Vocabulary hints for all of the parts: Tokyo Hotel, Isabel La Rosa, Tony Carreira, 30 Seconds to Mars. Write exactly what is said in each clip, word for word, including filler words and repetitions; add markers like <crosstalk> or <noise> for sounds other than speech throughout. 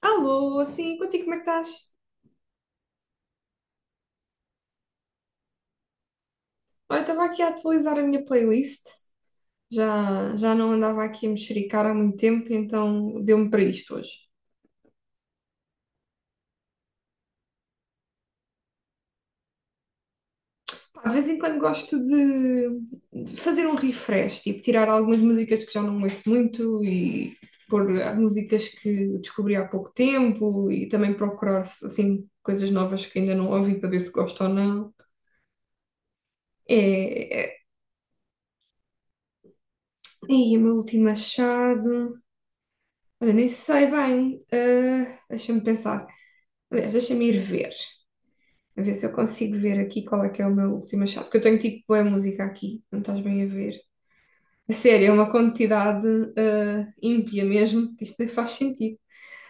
Alô, assim, contigo, como é que estás? Olha, estava aqui a atualizar a minha playlist. Já, já não andava aqui a mexericar há muito tempo, então deu-me para isto hoje. Pá, de vez em quando gosto de de fazer um refresh, tipo tirar algumas músicas que já não ouço muito e pôr ah, músicas que descobri há pouco tempo e também procurar assim coisas novas que ainda não ouvi para ver se gosto ou não. É, é... E o meu último achado. Olha, nem sei bem. Ah, deixa-me pensar. Aliás, deixa-me ir ver, a ver se eu consigo ver aqui qual é que é o meu último achado, porque eu tenho tipo boa música aqui, não estás bem a ver. A sério, é uma quantidade ah, ímpia mesmo, que isto nem faz sentido.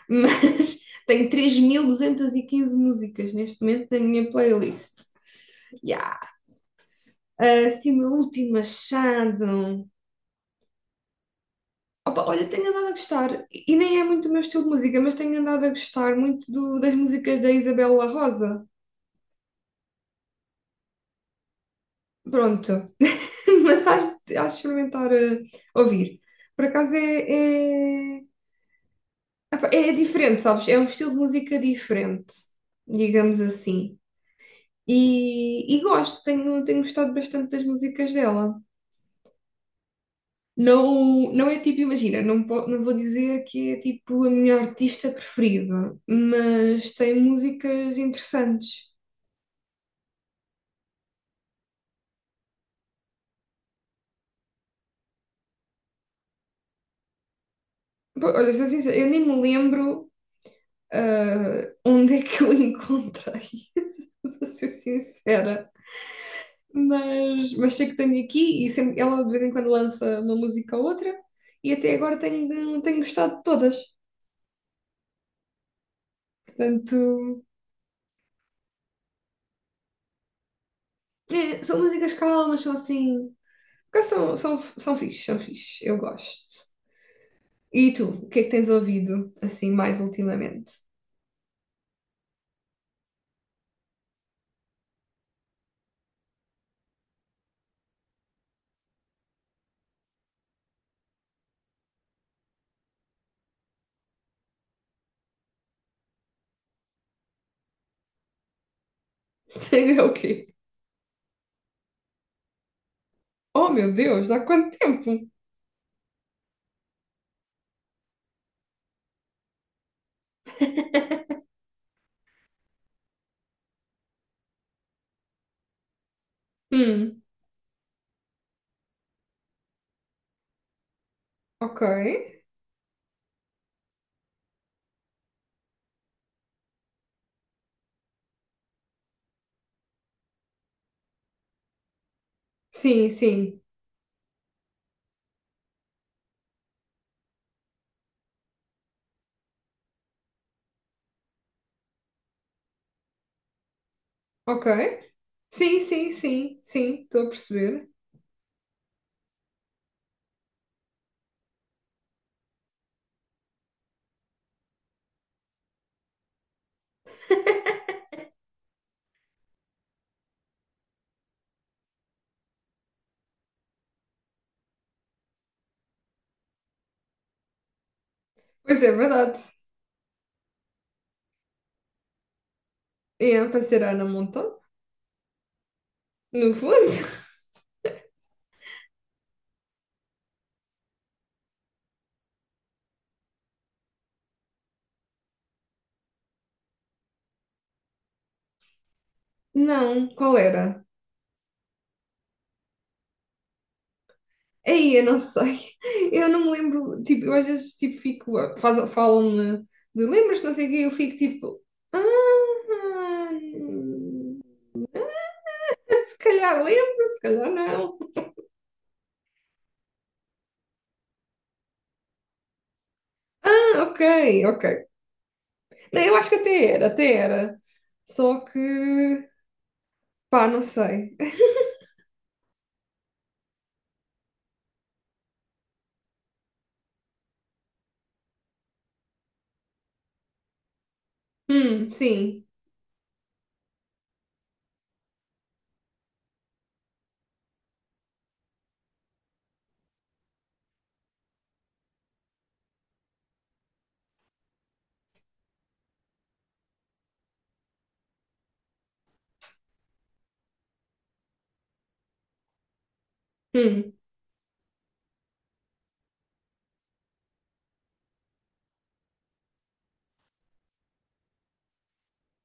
Mas <laughs> tenho três mil duzentas e quinze músicas neste momento na minha playlist. Yeah. Ah, Assim, o meu último achado. Opa, olha, tenho andado a gostar, e nem é muito o meu estilo de música, mas tenho andado a gostar muito do- das músicas da Isabel La Rosa. Pronto. <laughs> Mas acho de hás de experimentar eh, ouvir. Por acaso é, é, epá, é é diferente, sabes? É um estilo de música diferente, digamos assim. E, e gosto, tenho, tenho gostado bastante das músicas dela. Não, não é tipo, imagina, não, po- não vou dizer que é tipo a minha artista preferida, mas tem músicas interessantes. Pô, olha, sou sincera, eu nem me lembro ah, onde é que eu <laughs> encontrei, <laughs> vou ser sincera. mas, mas sei que tenho aqui e sempre- ela de vez em quando lança uma música ou outra e até agora tenho, tenho gostado de todas. Portanto, é, são músicas calmas, são assim. Porque São, são, são fixe, são fixe, eu gosto. E tu, o que é que tens ouvido assim mais ultimamente? <laughs> É o quê? Oh meu Deus, há quanto tempo? Hum, ok. Sim, sim, ok. Sim, sim, sim, sim, estou a perceber. Pois é, verdade. É para ser Ana Montão, no fundo. <laughs> Não, qual era? Aí, eu não sei. Eu não me lembro. Tipo, eu às vezes tipo, fico. faz- Falam-me de lembras, não sei o quê, eu fico tipo. Ah, se calhar lembro, se calhar não. Ah, ok, ok. Não, eu acho que até era, até era. Só que. Pá, não sei. Hum, sim. Hum.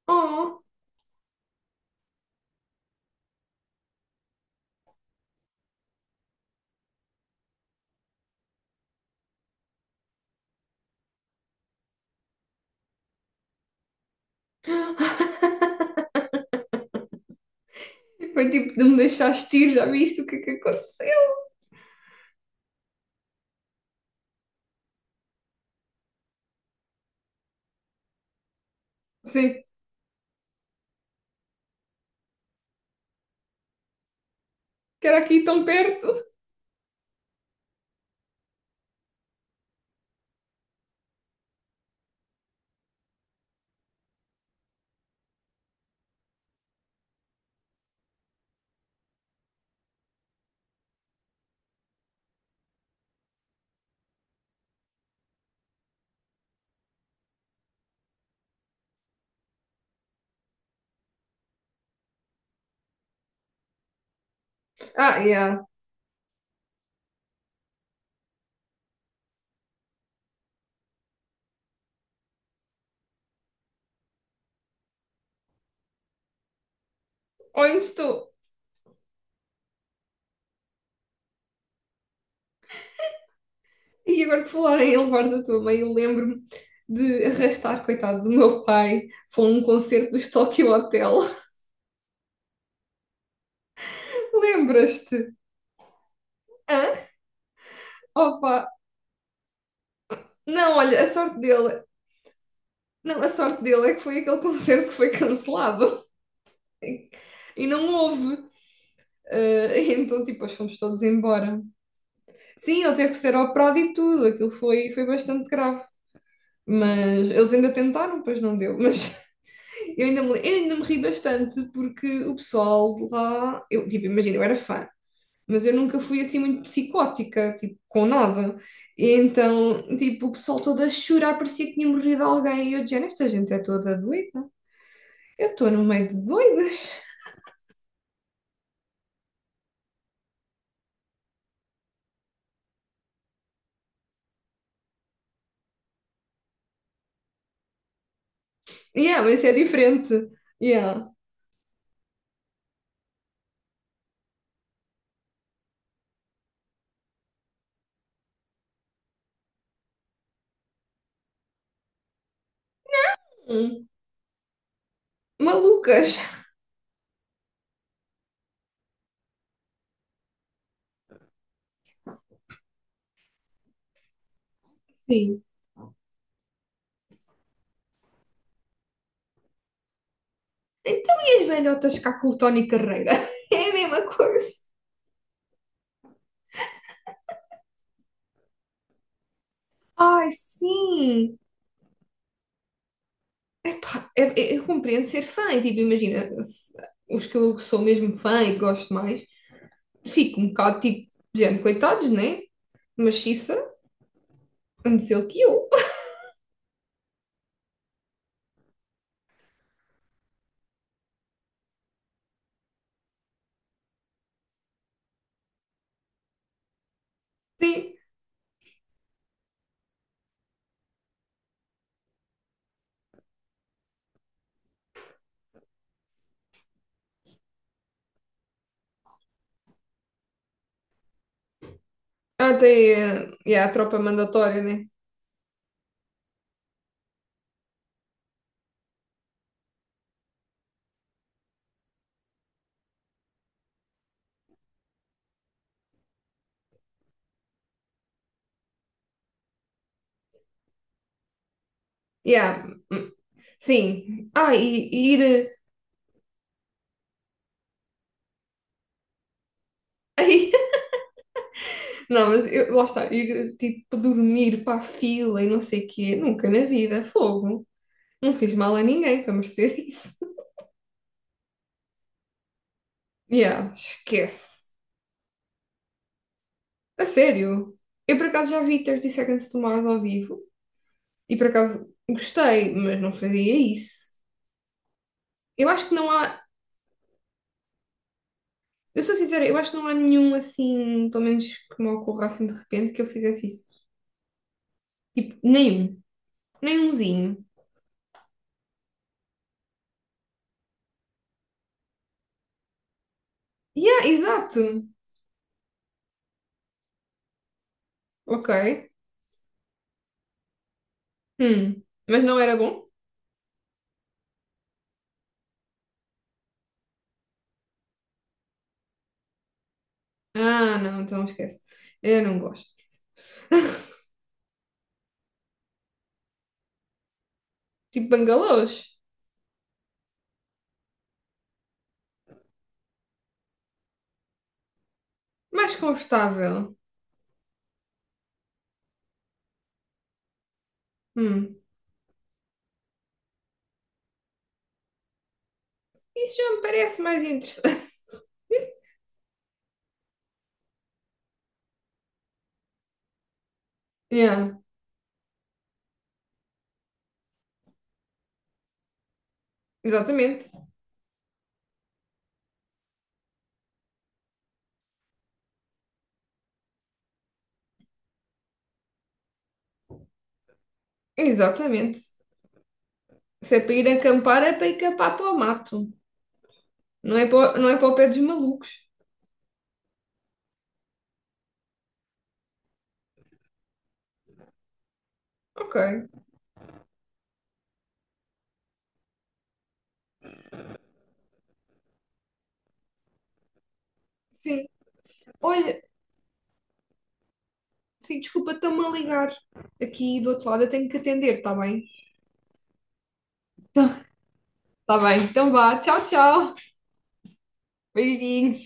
Oh. <laughs> Foi tipo de me deixar ir, já viste o que é que aconteceu? Sim, que era aqui tão perto. Ah, yeah. Onde estou? E agora que falar em levar da tua mãe, eu lembro-me de arrastar, coitado, do meu pai para um concerto do Tokyo Hotel. <laughs> Lembras-te? Hã? Opa! Não, olha, a sorte dele. Não, a sorte dele é que foi aquele concerto que foi cancelado. <laughs> E não houve. Ah, <laughs> então, tipo, nós fomos todos embora. Sim, ele teve que ser operado e tudo. Aquilo foi, foi bastante grave. Mas eles ainda tentaram, pois não deu. Mas <laughs> eu ainda me, eu ainda me ri bastante porque o pessoal de lá, eu, tipo, imagina, eu era fã, mas eu nunca fui assim muito psicótica, tipo, com nada. E então, tipo, o pessoal todo a chorar, parecia que tinha morrido alguém. E eu dizia, esta gente é toda doida. Eu estou no meio de doidas. <laughs> Yeah, mas isso é diferente. Yeah. Hum. Malucas. Sim. Então, e as velhotas cá com o Tony Carreira? <laughs> É a mesma coisa. Ai, sim. Epá, eu, eu compreendo ser fã, e, tipo, imagina, se- os que eu sou mesmo fã e que gosto mais, fico um bocado tipo, de género, coitados, né? Maciça, antes ele que eu. Sim, até eh, yeah, a tropa mandatória, né? Yeah, hum, sim. Ah, e, e ir. eh, <laughs> ai, não, mas eu, lá está, ir eh, tipo dormir para a fila e não sei o quê, nunca na vida, fogo. Não fiz mal a ninguém para merecer isso. <laughs> Yeah, esquece. A sério? Eu por acaso já vi trinta Seconds to Mars ao vivo e por acaso gostei, mas não fazia isso. Eu acho que não há, eu sou sincera, eu acho que não há nenhum assim, pelo menos que me ocorra assim de repente, que eu fizesse isso. Tipo, nenhum, nenhumzinho. Yeah, exato. Ok. Hum. Mas não era bom? Ah, não, então esquece. Eu não gosto disso. <laughs> Tipo bangalôs. Mais confortável. Hum. Isso já me parece mais interessante. <laughs> Yeah, exatamente. Exatamente. Se é para ir acampar, é para ir acampar para o mato. Não é para, não é para o pé dos malucos. Ok. Sim. Olha, sim, desculpa, estão-me a ligar aqui do outro lado. Eu tenho que atender, está bem? Está bem. Então vá. Tchau, tchau. Beijinho.